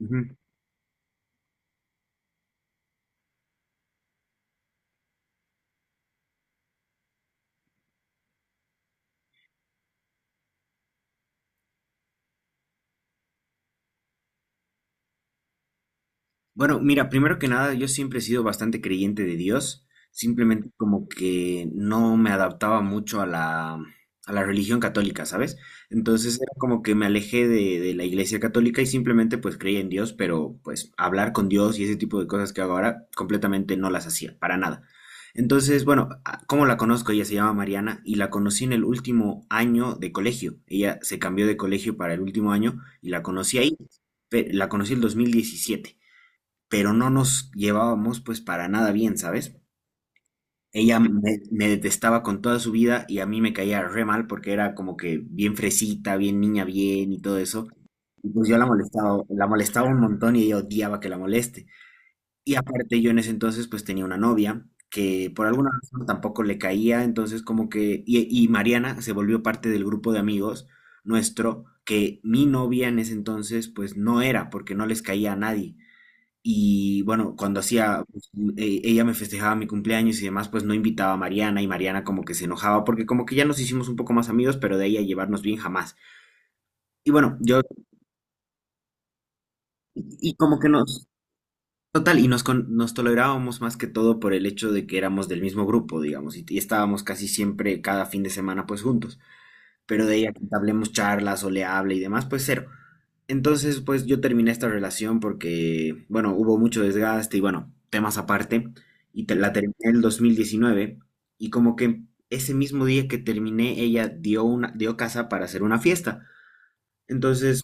Ujú. Bueno, mira, primero que nada, yo siempre he sido bastante creyente de Dios, simplemente como que no me adaptaba mucho a la religión católica, ¿sabes? Entonces era como que me alejé de la iglesia católica y simplemente pues creía en Dios, pero pues hablar con Dios y ese tipo de cosas que hago ahora completamente no las hacía, para nada. Entonces, bueno, ¿cómo la conozco? Ella se llama Mariana y la conocí en el último año de colegio. Ella se cambió de colegio para el último año y la conocí ahí, la conocí el 2017, pero no nos llevábamos pues para nada bien, ¿sabes? Ella me, me detestaba con toda su vida y a mí me caía re mal porque era como que bien fresita, bien niña bien y todo eso. Y pues yo la molestaba un montón y ella odiaba que la moleste. Y aparte yo en ese entonces pues tenía una novia que por alguna razón tampoco le caía, entonces como que... Y Mariana se volvió parte del grupo de amigos nuestro, que mi novia en ese entonces pues no, era porque no les caía a nadie. Y bueno, cuando hacía, pues, ella me festejaba mi cumpleaños y demás, pues no invitaba a Mariana y Mariana como que se enojaba porque como que ya nos hicimos un poco más amigos, pero de ahí a llevarnos bien jamás. Y bueno, yo, y como que nos, total, y nos, con- nos tolerábamos más que todo por el hecho de que éramos del mismo grupo, digamos, y estábamos casi siempre cada fin de semana pues juntos, pero de ella que hablemos charlas o le hable y demás, pues cero. Entonces, pues yo terminé esta relación porque, bueno, hubo mucho desgaste y bueno, temas aparte, y la terminé en el 2019 y como que ese mismo día que terminé, ella dio una, dio casa para hacer una fiesta. Entonces,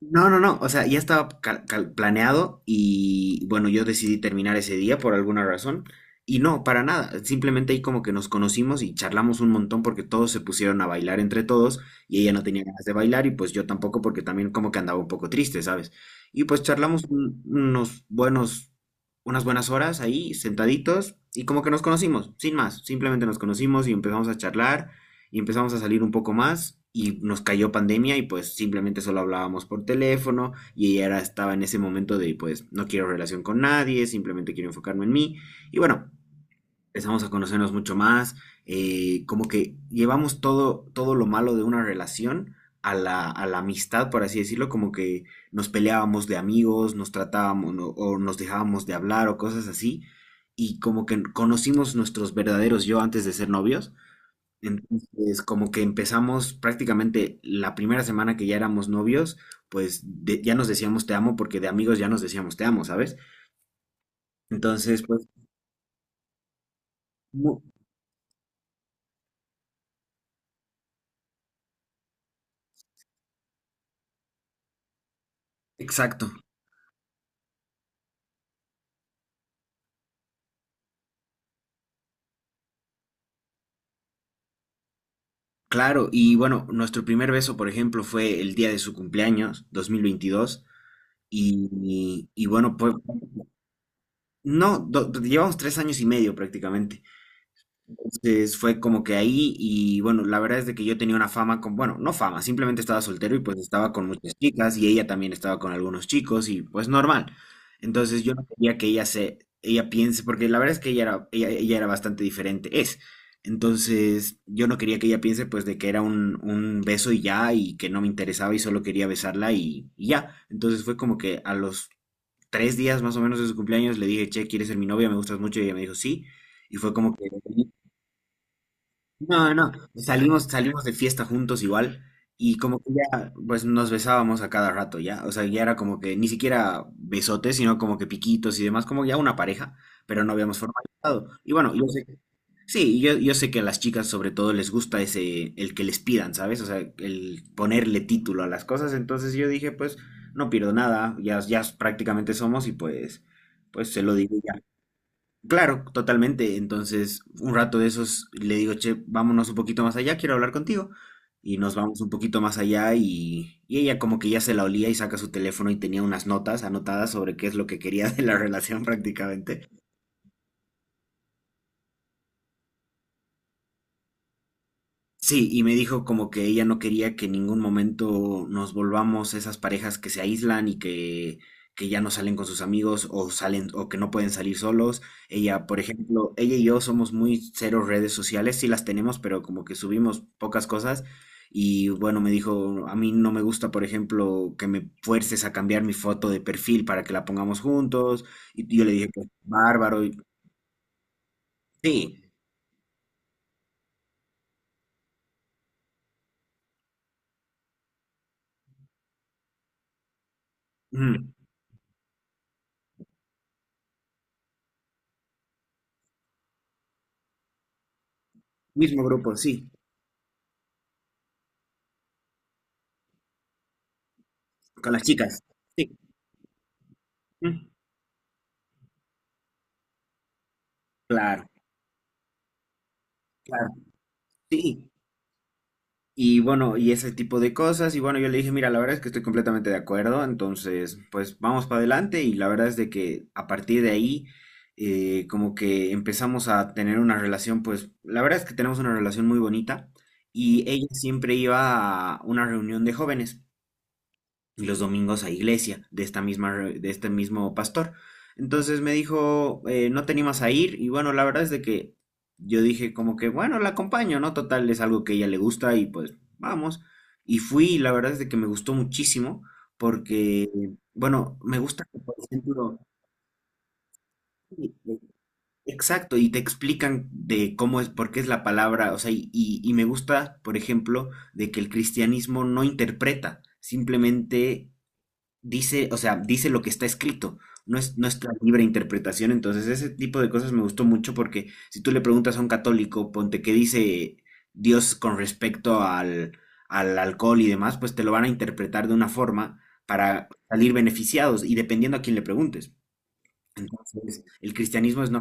no, no, no, o sea, ya estaba planeado y bueno, yo decidí terminar ese día por alguna razón y no, para nada, simplemente ahí como que nos conocimos y charlamos un montón porque todos se pusieron a bailar entre todos y ella no tenía ganas de bailar y pues yo tampoco porque también como que andaba un poco triste, ¿sabes? Y pues charlamos un- unos buenos, unas buenas horas ahí sentaditos y como que nos conocimos, sin más, simplemente nos conocimos y empezamos a charlar y empezamos a salir un poco más y nos cayó pandemia y pues simplemente solo hablábamos por teléfono. Y ella era, estaba en ese momento de pues no quiero relación con nadie, simplemente quiero enfocarme en mí. Y bueno, empezamos a conocernos mucho más, como que llevamos todo, todo lo malo de una relación a la amistad, por así decirlo, como que nos peleábamos de amigos, nos tratábamos o nos dejábamos de hablar o cosas así, y como que conocimos nuestros verdaderos yo antes de ser novios. Entonces, como que empezamos prácticamente la primera semana que ya éramos novios, pues ya nos decíamos te amo porque de amigos ya nos decíamos te amo, ¿sabes? Entonces, pues, mu- exacto, claro. Y bueno, nuestro primer beso, por ejemplo, fue el día de su cumpleaños, 2022. Y bueno, pues, no, llevamos 3 años y medio prácticamente. Entonces fue como que ahí y bueno, la verdad es de que yo tenía una fama con, bueno, no fama, simplemente estaba soltero y pues estaba con muchas chicas y ella también estaba con algunos chicos y pues normal. Entonces yo no quería que ella se, ella piense, porque la verdad es que ella era, ella era bastante diferente, es. Entonces yo no quería que ella piense pues de que era un beso y ya, y que no me interesaba y solo quería besarla y ya. Entonces fue como que a los 3 días más o menos de su cumpleaños le dije, che, ¿quieres ser mi novia? Me gustas mucho. Y ella me dijo, sí. Y fue como que... No, no, salimos, salimos de fiesta juntos igual y como que ya, pues nos besábamos a cada rato ya, o sea, ya era como que ni siquiera besotes, sino como que piquitos y demás, como ya una pareja, pero no habíamos formalizado. Y bueno, yo sé, sí, yo sé que a las chicas sobre todo les gusta ese, el que les pidan, ¿sabes? O sea, el ponerle título a las cosas, entonces yo dije, pues no pierdo nada, ya, ya prácticamente somos y pues, pues se lo digo. Claro, totalmente. Entonces, un rato de esos le digo, che, vámonos un poquito más allá, quiero hablar contigo. Y nos vamos un poquito más allá y ella como que ya se la olía y saca su teléfono y tenía unas notas anotadas sobre qué es lo que quería de la relación prácticamente. Sí, y me dijo como que ella no quería que en ningún momento nos volvamos esas parejas que se aíslan y que ya no salen con sus amigos o salen o que no pueden salir solos. Ella, por ejemplo, ella y yo somos muy cero redes sociales, sí las tenemos, pero como que subimos pocas cosas. Y bueno, me dijo, a mí no me gusta, por ejemplo, que me fuerces a cambiar mi foto de perfil para que la pongamos juntos. Y yo le dije, pues, bárbaro. Y sí, mm, mismo grupo, sí, con las chicas. Sí. Mm. Claro, claro, sí. Y bueno, y ese tipo de cosas. Y bueno, yo le dije, mira, la verdad es que estoy completamente de acuerdo. Entonces, pues vamos para adelante. Y la verdad es de que a partir de ahí, como que empezamos a tener una relación, pues la verdad es que tenemos una relación muy bonita. Y ella siempre iba a una reunión de jóvenes y los domingos a iglesia de, esta misma, de este mismo pastor. Entonces me dijo, no te animas a ir. Y bueno, la verdad es de que yo dije como que, bueno, la acompaño, ¿no? Total, es algo que a ella le gusta y pues vamos. Y fui y la verdad es de que me gustó muchísimo porque, bueno, me gusta que, por ejemplo, sí, exacto, y te explican de cómo es, por qué es la palabra, o sea, y me gusta, por ejemplo, de que el cristianismo no interpreta, simplemente dice, o sea, dice lo que está escrito, no es nuestra libre interpretación. Entonces, ese tipo de cosas me gustó mucho porque si tú le preguntas a un católico, ponte qué dice Dios con respecto al alcohol y demás, pues te lo van a interpretar de una forma para salir beneficiados y dependiendo a quién le preguntes. Entonces, el cristianismo es no.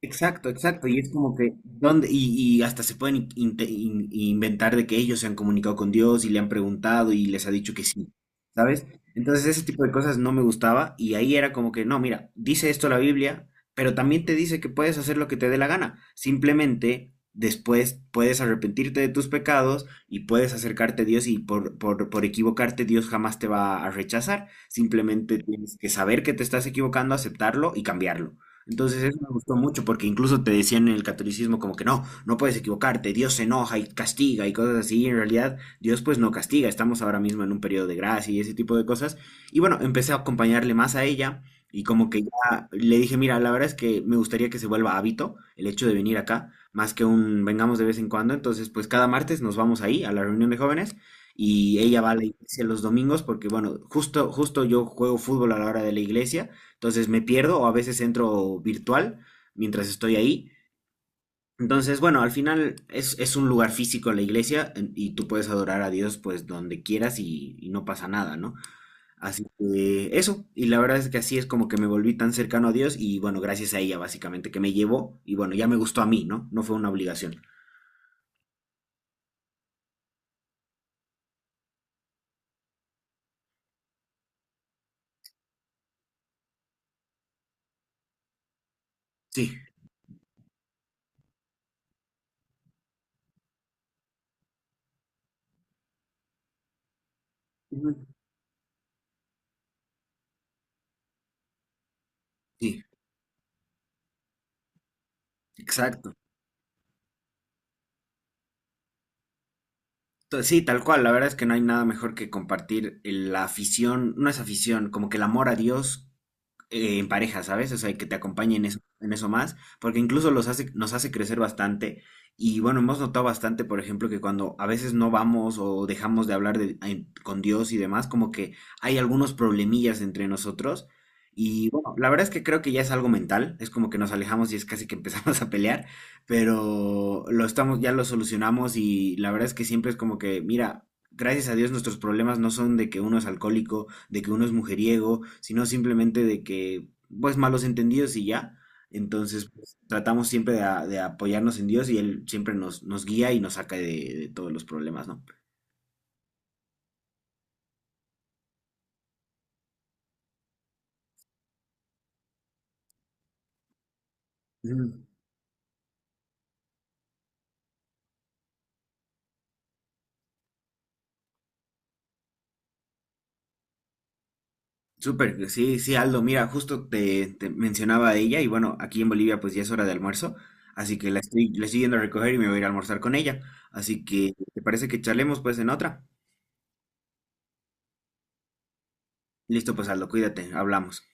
Exacto, exacto. Y es como que, ¿dónde? Y y hasta se pueden inventar de que ellos se han comunicado con Dios y le han preguntado y les ha dicho que sí, ¿sabes? Entonces ese tipo de cosas no me gustaba y ahí era como que, no, mira, dice esto la Biblia, pero también te dice que puedes hacer lo que te dé la gana. Simplemente después puedes arrepentirte de tus pecados y puedes acercarte a Dios, y por equivocarte Dios jamás te va a rechazar. Simplemente tienes que saber que te estás equivocando, aceptarlo y cambiarlo. Entonces eso me gustó mucho porque incluso te decían en el catolicismo como que no, no puedes equivocarte, Dios se enoja y castiga y cosas así, y en realidad Dios pues no castiga, estamos ahora mismo en un periodo de gracia y ese tipo de cosas. Y bueno, empecé a acompañarle más a ella y como que ya le dije, mira, la verdad es que me gustaría que se vuelva hábito el hecho de venir acá, más que un vengamos de vez en cuando. Entonces pues cada martes nos vamos ahí a la reunión de jóvenes y ella va a la iglesia los domingos porque bueno, justo, justo yo juego fútbol a la hora de la iglesia. Entonces me pierdo o a veces entro virtual mientras estoy ahí. Entonces, bueno, al final es un lugar físico la iglesia y tú puedes adorar a Dios pues donde quieras y no pasa nada, ¿no? Así que eso, y la verdad es que así es como que me volví tan cercano a Dios. Y bueno, gracias a ella básicamente que me llevó y bueno, ya me gustó a mí, ¿no? No fue una obligación. Sí. Ujú. Sí, exacto. Sí, tal cual, la verdad es que no hay nada mejor que compartir la afición, no es afición, como que el amor a Dios, en pareja, ¿sabes? O sea, que te acompañen en eso más, porque incluso los hace, nos hace crecer bastante. Y bueno, hemos notado bastante, por ejemplo, que cuando a veces no vamos o dejamos de hablar con Dios y demás, como que hay algunos problemillas entre nosotros. Y bueno, la verdad es que creo que ya es algo mental, es como que nos alejamos y es casi que empezamos a pelear, pero lo estamos, ya lo solucionamos. Y la verdad es que siempre es como que, mira, gracias a Dios nuestros problemas no son de que uno es alcohólico, de que uno es mujeriego, sino simplemente de que, pues, malos entendidos y ya. Entonces, pues, tratamos siempre de apoyarnos en Dios y Él siempre nos, nos guía y nos saca de todos los problemas, ¿no? Ujú. Súper, sí, sí, Aldo, mira, justo te, te mencionaba a ella y bueno, aquí en Bolivia pues ya es hora de almuerzo, así que la estoy yendo a recoger y me voy a ir a almorzar con ella. Así que, ¿te parece que charlemos pues en otra? Listo, pues Aldo, cuídate, hablamos.